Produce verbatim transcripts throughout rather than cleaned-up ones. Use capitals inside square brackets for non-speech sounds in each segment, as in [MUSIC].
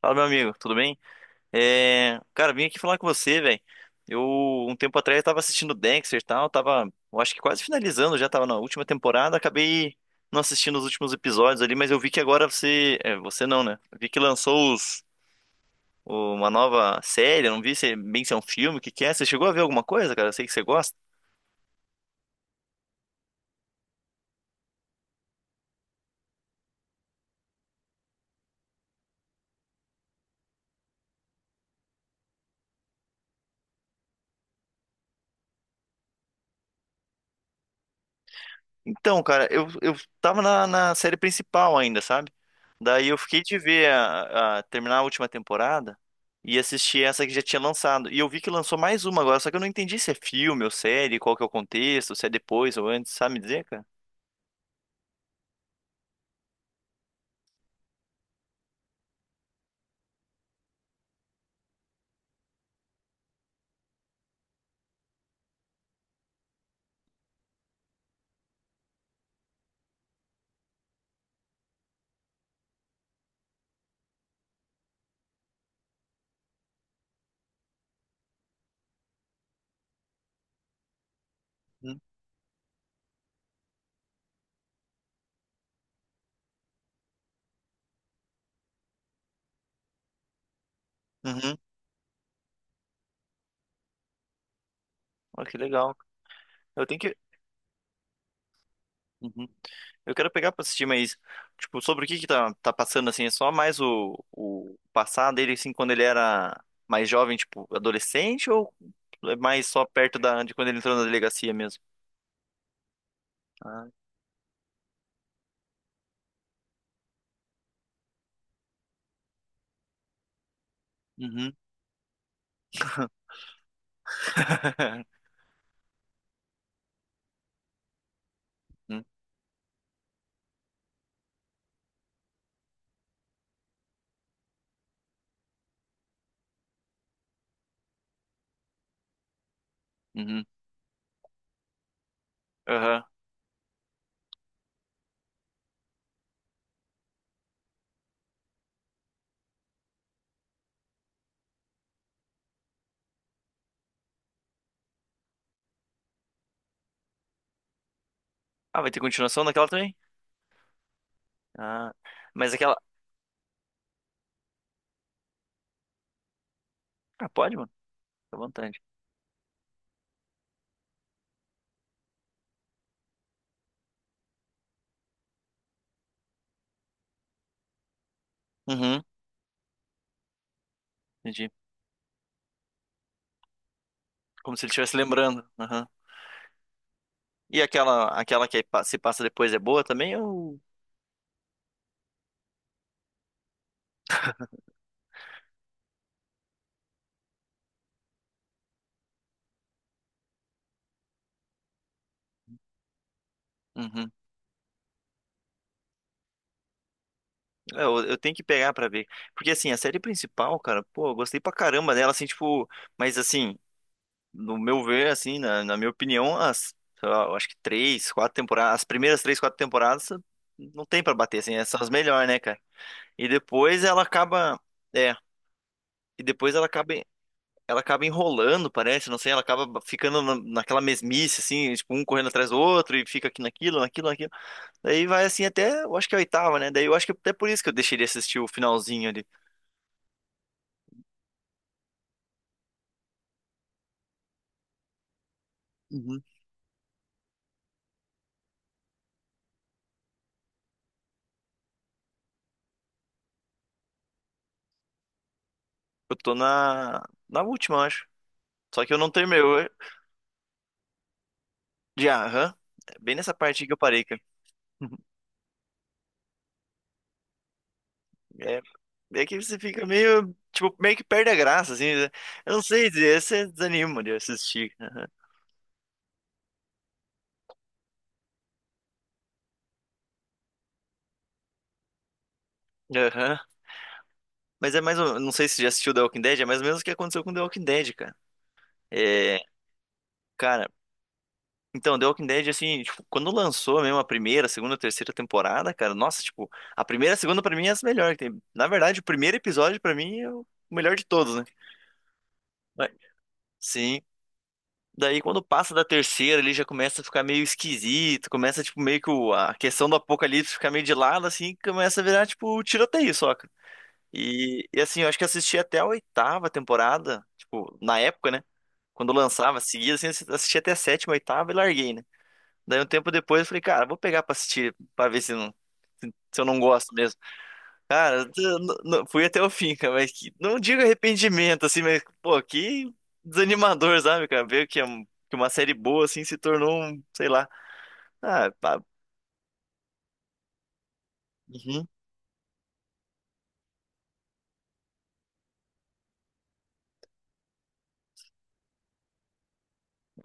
Fala, meu amigo, tudo bem? É, cara, vim aqui falar com você, velho. Eu, um tempo atrás, eu tava assistindo Dexter e tal, tava, eu acho que quase finalizando, já tava na última temporada, acabei não assistindo os últimos episódios ali, mas eu vi que agora você, é, você não, né? Eu vi que lançou os... o- uma nova série, eu não vi se é bem se é um filme, o que que é? Você chegou a ver alguma coisa, cara? Eu sei que você gosta. Então, cara, eu, eu tava na, na série principal ainda, sabe? Daí eu fiquei de ver a, a- terminar a última temporada e assistir essa que já tinha lançado. E eu vi que lançou mais uma agora, só que eu não entendi se é filme ou série, qual que é o contexto, se é depois ou antes, sabe me dizer, cara? Uhum. Uhum. Olha que legal. Eu tenho que. Uhum. Eu quero pegar pra assistir, mas, tipo, sobre o que que tá, tá passando, assim, é só mais o, o passado dele, assim, quando ele era mais jovem, tipo, adolescente, ou é mais só perto da, de quando ele entrou na delegacia mesmo? Ah. Uhum. [LAUGHS] Uhum. Uhum. Aham. Ah, vai ter continuação daquela também? Ah, mas aquela. Ah, pode, mano. Fica à vontade. Uhum, entendi. Como se ele estivesse lembrando. Uhum. E aquela, aquela que pa- se passa depois é boa também? Ou. Uhum. É, Eu, eu tenho que pegar pra ver. Porque assim, a série principal, cara, pô, eu gostei pra caramba dela, assim, tipo. Mas assim, no meu ver, assim, na, na minha opinião, as, sei lá, eu acho que três, quatro temporadas, as primeiras três, quatro temporadas não tem pra bater, assim, essas são as melhores, né, cara? E depois ela acaba. É. E depois ela acaba. Ela acaba enrolando, parece, não sei, ela acaba ficando na- naquela mesmice, assim, tipo, um correndo atrás do outro e fica aqui naquilo, naquilo, naquilo. Daí vai assim até, eu acho que é a oitava, né? Daí eu acho que é até por isso que eu deixei de assistir o finalzinho ali. Uhum. Eu tô na, na última, eu acho. Só que eu não terminei. Eu- De Aham. É. Bem nessa parte aí que eu parei, cara. [LAUGHS] É, é que você fica meio, tipo, meio que perde a graça, assim, né? Eu não sei dizer, você desanima de assistir. Aham. Aham. Mas é mais ou. Não sei se já assistiu The Walking Dead, é mais ou menos o que aconteceu com The Walking Dead, cara. É, cara, então, The Walking Dead, assim, tipo, quando lançou mesmo a primeira, segunda, terceira temporada, cara, nossa, tipo, a primeira e a segunda pra mim é as melhores que tem. Na verdade, o primeiro episódio pra mim é o melhor de todos, né? Mas- Sim. Daí quando passa da terceira, ele já começa a ficar meio esquisito, começa, tipo, meio que o- a questão do apocalipse ficar meio de lado, assim, começa a virar, tipo, tiroteio só, cara. E, e assim, eu acho que assisti até a oitava temporada, tipo, na época, né? Quando lançava, seguia, assim, assisti até a sétima, oitava e larguei, né? Daí um tempo depois eu falei, cara, vou pegar pra assistir, pra ver se, não, se se eu não gosto mesmo. Cara, eu não- não- fui até o fim, cara, mas que, não digo arrependimento, assim, mas, pô, que desanimador, sabe, cara? Ver que, é um- que uma série boa, assim, se tornou um, sei lá. Ah, pá, uhum,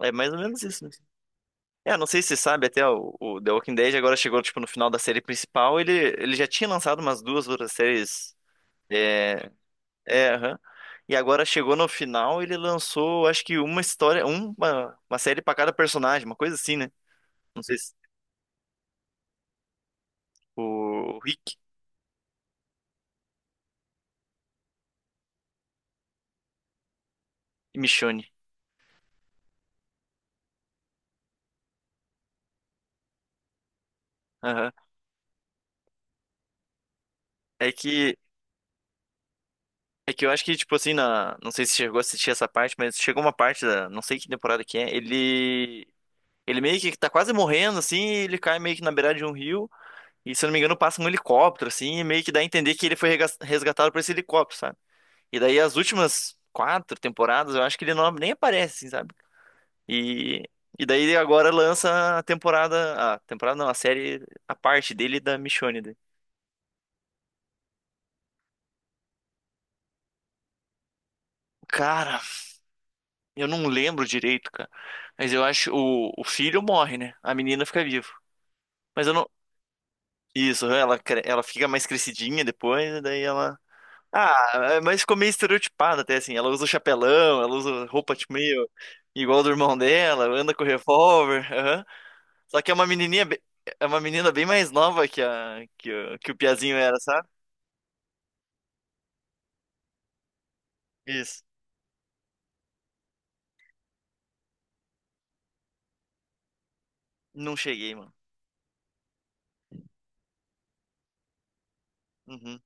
é mais ou menos isso, né? É, não sei se você sabe, até o, o The Walking Dead agora chegou, tipo, no final da série principal, ele, ele já tinha lançado umas duas outras séries, é, é, aham. E agora chegou no final, ele lançou, acho que uma história, uma, uma série pra cada personagem, uma coisa assim, né? Não sei se o Rick e Michonne. Aham. É que é que eu acho que tipo assim, na, não sei se chegou a assistir essa parte, mas chegou uma parte da, não sei que temporada que é, ele ele meio que tá quase morrendo assim, e ele cai meio que na beirada de um rio, e se eu não me engano passa um helicóptero assim, e meio que dá a entender que ele foi rega- resgatado por esse helicóptero, sabe? E daí as últimas quatro temporadas, eu acho que ele não nem aparece, assim, sabe? E, e daí agora lança a temporada. A temporada não, a série, a parte dele da Michonne, daí. Cara, eu não lembro direito, cara. Mas eu acho o, o filho morre, né? A menina fica viva. Mas eu não. Isso, ela, cre- ela fica mais crescidinha depois, e daí ela. Ah, é, mas ficou meio estereotipada até assim. Ela usa o chapelão, ela usa roupa tipo meio igual do irmão dela, anda com revólver. Aham. Só que é uma menininha, be- é uma menina bem mais nova que a que, o- que o Piazinho era, sabe? Isso. Não cheguei, mano. Uhum.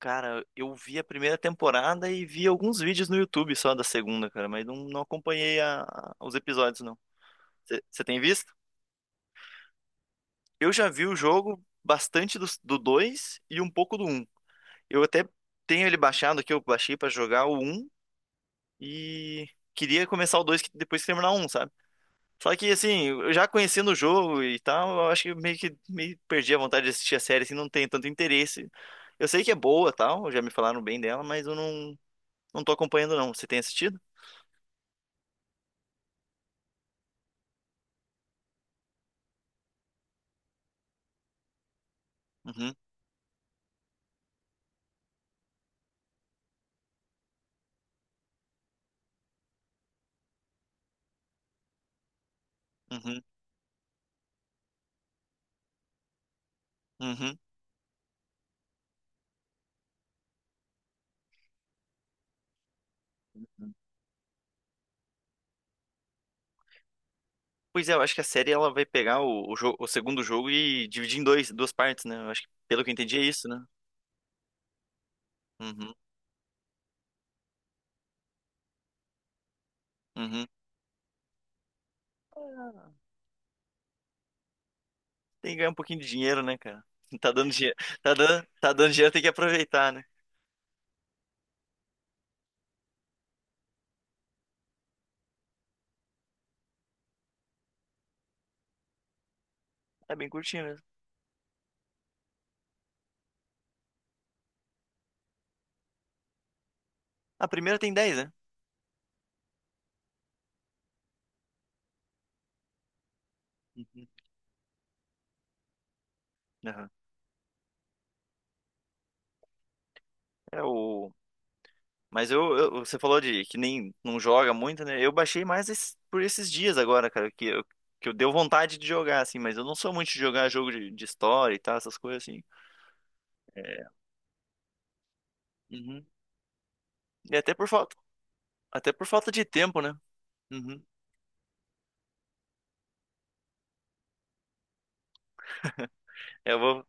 Cara, eu vi a primeira temporada e vi alguns vídeos no YouTube só da segunda, cara, mas não, não acompanhei a- a- os episódios, não. Você tem visto? Eu já vi o jogo bastante do, do dois e um pouco do um. Eu até tenho ele baixado aqui, eu baixei pra jogar o um e queria começar o dois que- depois que terminar o um, sabe? Só que, assim, eu já conhecendo o jogo e tal, eu acho que meio que meio perdi a vontade de assistir a série, assim, não tenho tanto interesse. Eu sei que é boa, tal, já me falaram bem dela, mas eu não. Não tô acompanhando, não. Você tem assistido? Uhum, uhum, uhum. Pois é, eu acho que a série ela vai pegar o, o, jo- o segundo jogo e dividir em dois, duas partes, né? Eu acho que, pelo que eu entendi, é isso, né? Uhum, uhum. Ah, tem que ganhar um pouquinho de dinheiro, né, cara? [LAUGHS] Tá dando dinheiro. Tá dando, tá dando dinheiro, tem que aproveitar, né? É bem curtinho mesmo. A primeira tem dez, né? Uhum. Aham. É o. Mas eu, eu- você falou de que nem não joga muito, né? Eu baixei mais es- por esses dias agora, cara, que eu, que eu deu vontade de jogar, assim, mas eu não sou muito de jogar jogo de, de história e tal, essas coisas assim. Uhum. E até por falta, até por falta de tempo, né? Uhum. É, Eu vou,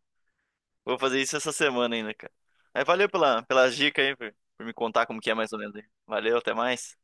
vou fazer isso essa semana ainda, cara. Mas valeu pela, pelas dicas aí, por, por me contar como que é mais ou menos aí. Valeu, até mais.